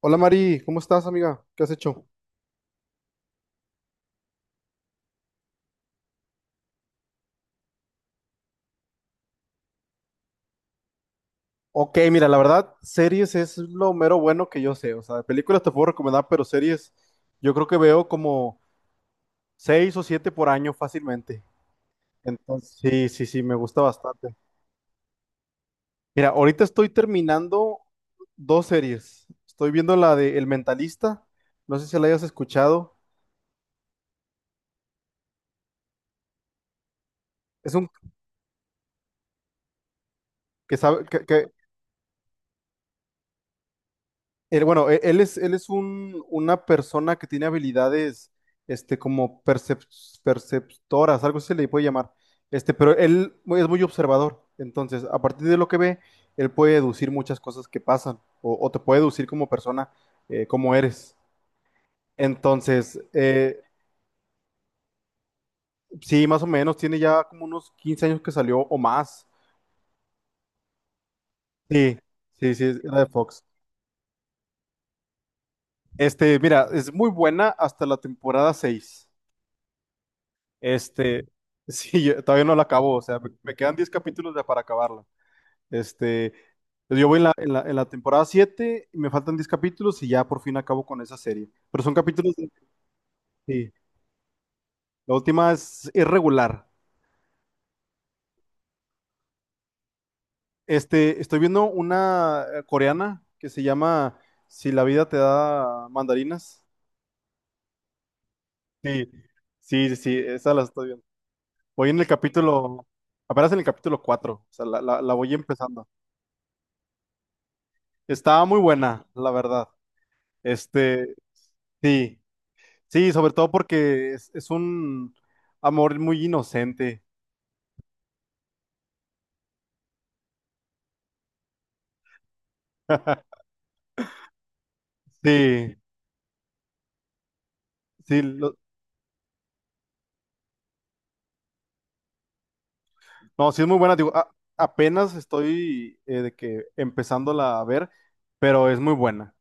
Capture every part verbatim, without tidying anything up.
Hola Mari, ¿cómo estás, amiga? ¿Qué has hecho? Ok, mira, la verdad, series es lo mero bueno que yo sé. O sea, de películas te puedo recomendar, pero series yo creo que veo como seis o siete por año fácilmente. Entonces, sí, sí, sí, me gusta bastante. Mira, ahorita estoy terminando dos series. Estoy viendo la de El Mentalista, no sé si la hayas escuchado. Es un que sabe que, que- Él, bueno, e- él es, él es un, una persona que tiene habilidades, este, como percep- perceptoras, algo así se le puede llamar. Este, pero él mu- es muy observador. Entonces, a partir de lo que ve, él puede deducir muchas cosas que pasan o, o te puede deducir como persona, eh, cómo eres. Entonces, eh, sí, más o menos, tiene ya como unos quince años que salió o más. Sí, sí, sí, era de Fox. Este, mira, es muy buena hasta la temporada seis. Este, sí, yo todavía no la acabo, o sea, me, me quedan diez capítulos de- para acabarla. Este, pues yo voy en la, en la, en la temporada siete y me faltan diez capítulos y ya por fin acabo con esa serie. Pero son capítulos de- sí, la última es irregular. Este, estoy viendo una eh, coreana que se llama Si la vida te da mandarinas. Sí, sí, sí, sí, esa la estoy viendo. Voy en el capítulo, apenas en el capítulo cuatro, o sea, la, la la voy empezando. Estaba muy buena, la verdad. Este, Sí, sí, sobre todo porque es, es un amor muy inocente. Sí, sí, lo- no, sí es muy buena. Digo, a- apenas estoy eh, de que empezándola a ver, pero es muy buena.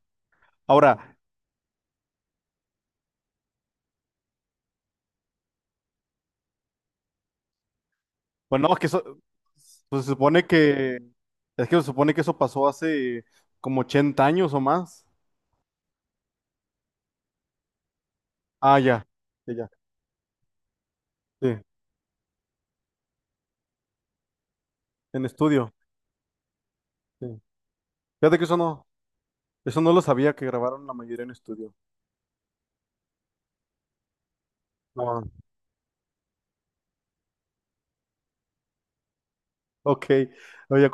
Ahora, bueno, es que eso, pues, se supone que, es que se supone que eso pasó hace como ochenta años o más. Ah, ya, ya, ya, sí, en estudio. Sí. Fíjate que eso no, eso no lo sabía que grabaron la mayoría en estudio. No, ok. Oye,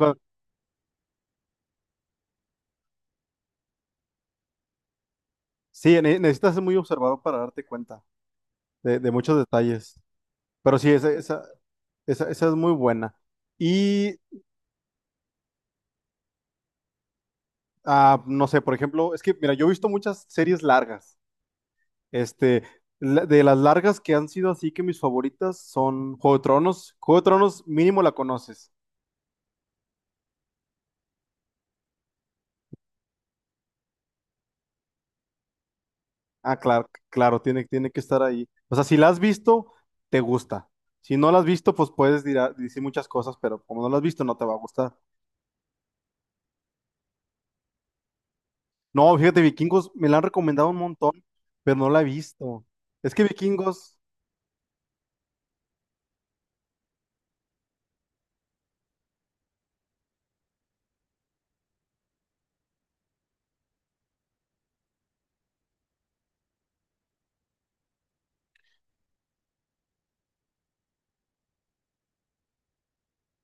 sí, ne- necesitas ser muy observador para darte cuenta de, de muchos detalles. Pero sí, esa, esa, esa, esa es muy buena. Y ah, no sé, por ejemplo, es que, mira, yo he visto muchas series largas. Este, la- de las largas que han sido así que mis favoritas son Juego de Tronos. Juego de Tronos, mínimo la conoces. Ah, claro, claro, tiene, tiene que estar ahí. O sea, si la has visto, te gusta. Si no la has visto, pues puedes dirá- decir muchas cosas, pero como no la has visto, no te va a gustar. No, fíjate, Vikingos me la han recomendado un montón, pero no la he visto. Es que Vikingos,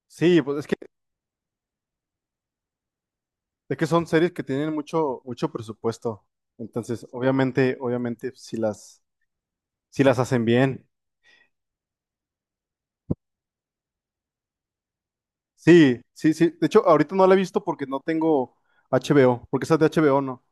sí, pues es que, es que son series que tienen mucho, mucho presupuesto. Entonces, obviamente, obviamente, si las, si las hacen bien. Sí, sí, sí. De hecho, ahorita no la he visto porque no tengo H B O, porque esa es de H B O, ¿no?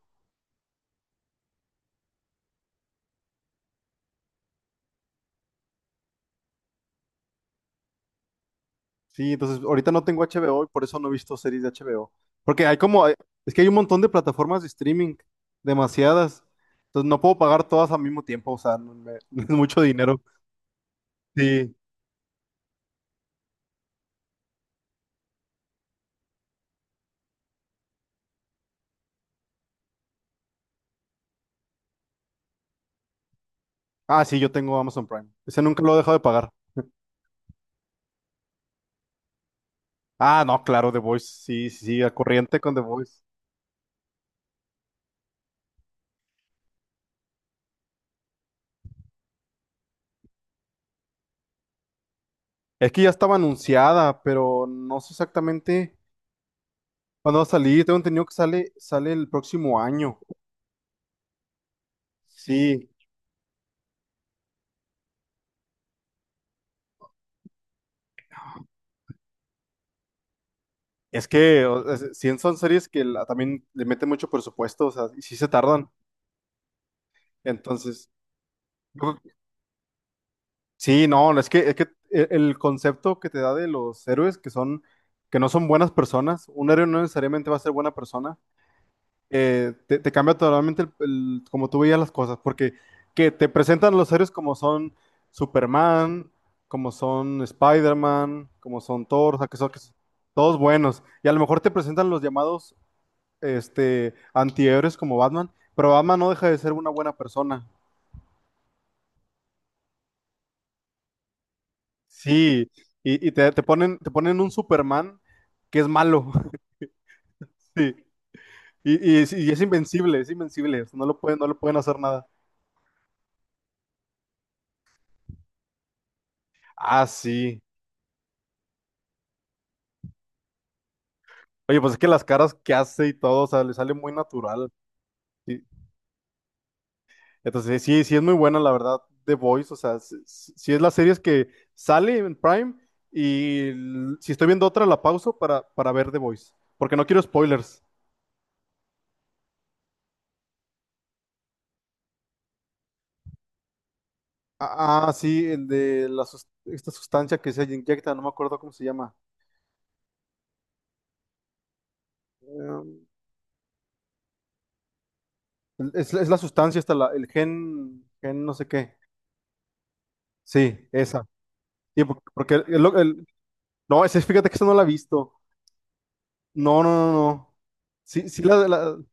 Sí, entonces ahorita no tengo H B O y por eso no he visto series de H B O. Porque hay como, hay- es que hay un montón de plataformas de streaming, demasiadas. Entonces no puedo pagar todas al mismo tiempo, o sea, no me- es mucho dinero. Sí. Ah, sí, yo tengo Amazon Prime. Ese nunca lo he dejado de pagar. Ah, no, claro, The Voice. Sí, sí, sí, a corriente con The Voice. Es que ya estaba anunciada, pero no sé exactamente cuándo va a salir. Tengo entendido que sale, sale el próximo año. Sí. Es que o- es- sí son series que la- también le meten mucho presupuesto, o sea, y sí se tardan. Entonces, yo creo sí, no, es que, es que el el concepto que te da de los héroes que son, que no son buenas personas, un héroe no necesariamente va a ser buena persona, eh, te, te cambia totalmente el, el- como tú veías las cosas, porque que te presentan los héroes como son Superman, como son Spider-Man, como son Thor, o sea, que son, que son todos buenos. Y a lo mejor te presentan los llamados este, antihéroes como Batman, pero Batman no deja de ser una buena persona. Sí, y, y te, te ponen, te ponen un Superman que es malo. Sí, y, y es y es invencible, es invencible, no lo pueden, no lo pueden hacer nada. Ah, sí. Oye, pues es que las caras que hace y todo, o sea, le sale muy natural. Sí. Entonces, sí, sí es muy buena, la verdad, The Voice. O sea, sí, sí- sí es las series que sale en Prime y l- si estoy viendo otra, la pauso para, para ver The Voice. Porque no quiero spoilers. Ah, ah, sí, el de la, sus- esta sustancia que se inyecta, no me acuerdo cómo se llama. Em, es, es la sustancia, esta, la, el gen, gen no sé qué. Sí, esa. Sí, por- porque, el- el- no, ese, fíjate que esa no la he visto. No, no, no, no. Sí, sí, la, la-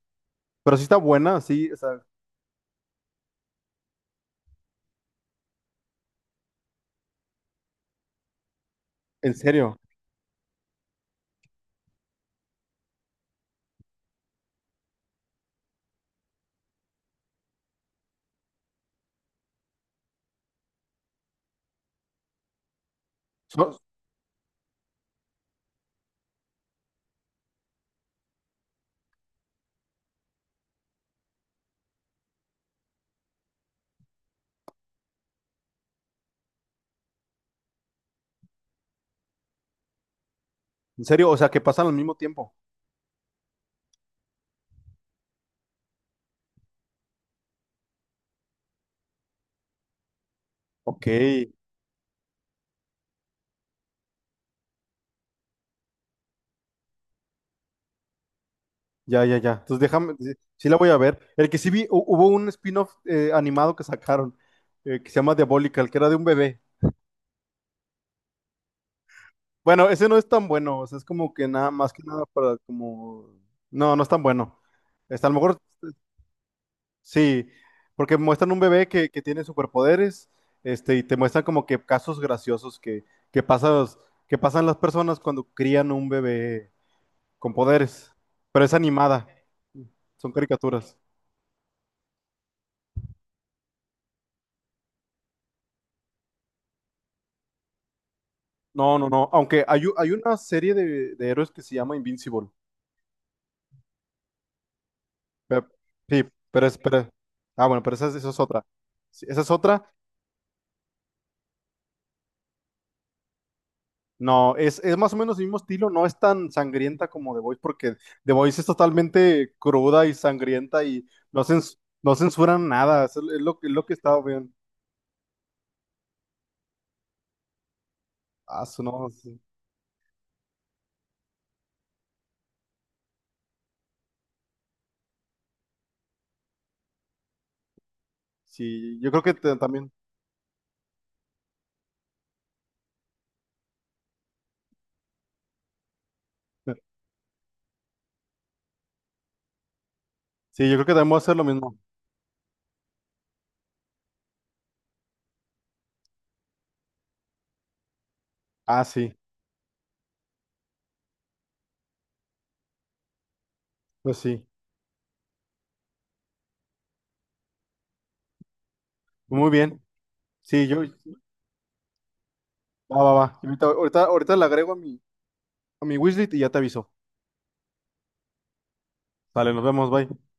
pero sí está buena, sí, o sea, en serio. So- en serio, o sea, que pasan al mismo tiempo. Ok, ya, ya, ya. Entonces déjame, sí, sí la voy a ver. El que sí vi, hu- hubo un spin-off eh, animado que sacaron, eh, que se llama Diabolical, que era de un bebé. Bueno, ese no es tan bueno, o sea, es como que nada, más que nada para como. No, no es tan bueno. Está, a lo mejor sí, porque muestran un bebé que, que tiene superpoderes, este, y te muestran como que casos graciosos que, que pasas- que pasan las personas cuando crían un bebé con poderes. Pero es animada, son caricaturas. No, no, no, aunque hay, u- hay una serie de, de héroes que se llama Invincible. Pe- sí, pero espera. Ah, bueno, pero esa, es esa es otra. Sí, esa es otra. No, es, es más o menos el mismo estilo, no es tan sangrienta como The Voice, porque The Voice es totalmente cruda y sangrienta y no, cens- no censuran nada, es, es lo, es lo que está bien. Ah, su- no, sí, sí, yo creo que te- también, sí, yo creo que también voy a hacer lo mismo. Ah, sí, pues sí, muy bien, sí, yo, va, va, va, ahorita, ahorita, ahorita le agrego a mi, a mi wishlist y ya te aviso. Vale, nos vemos, bye.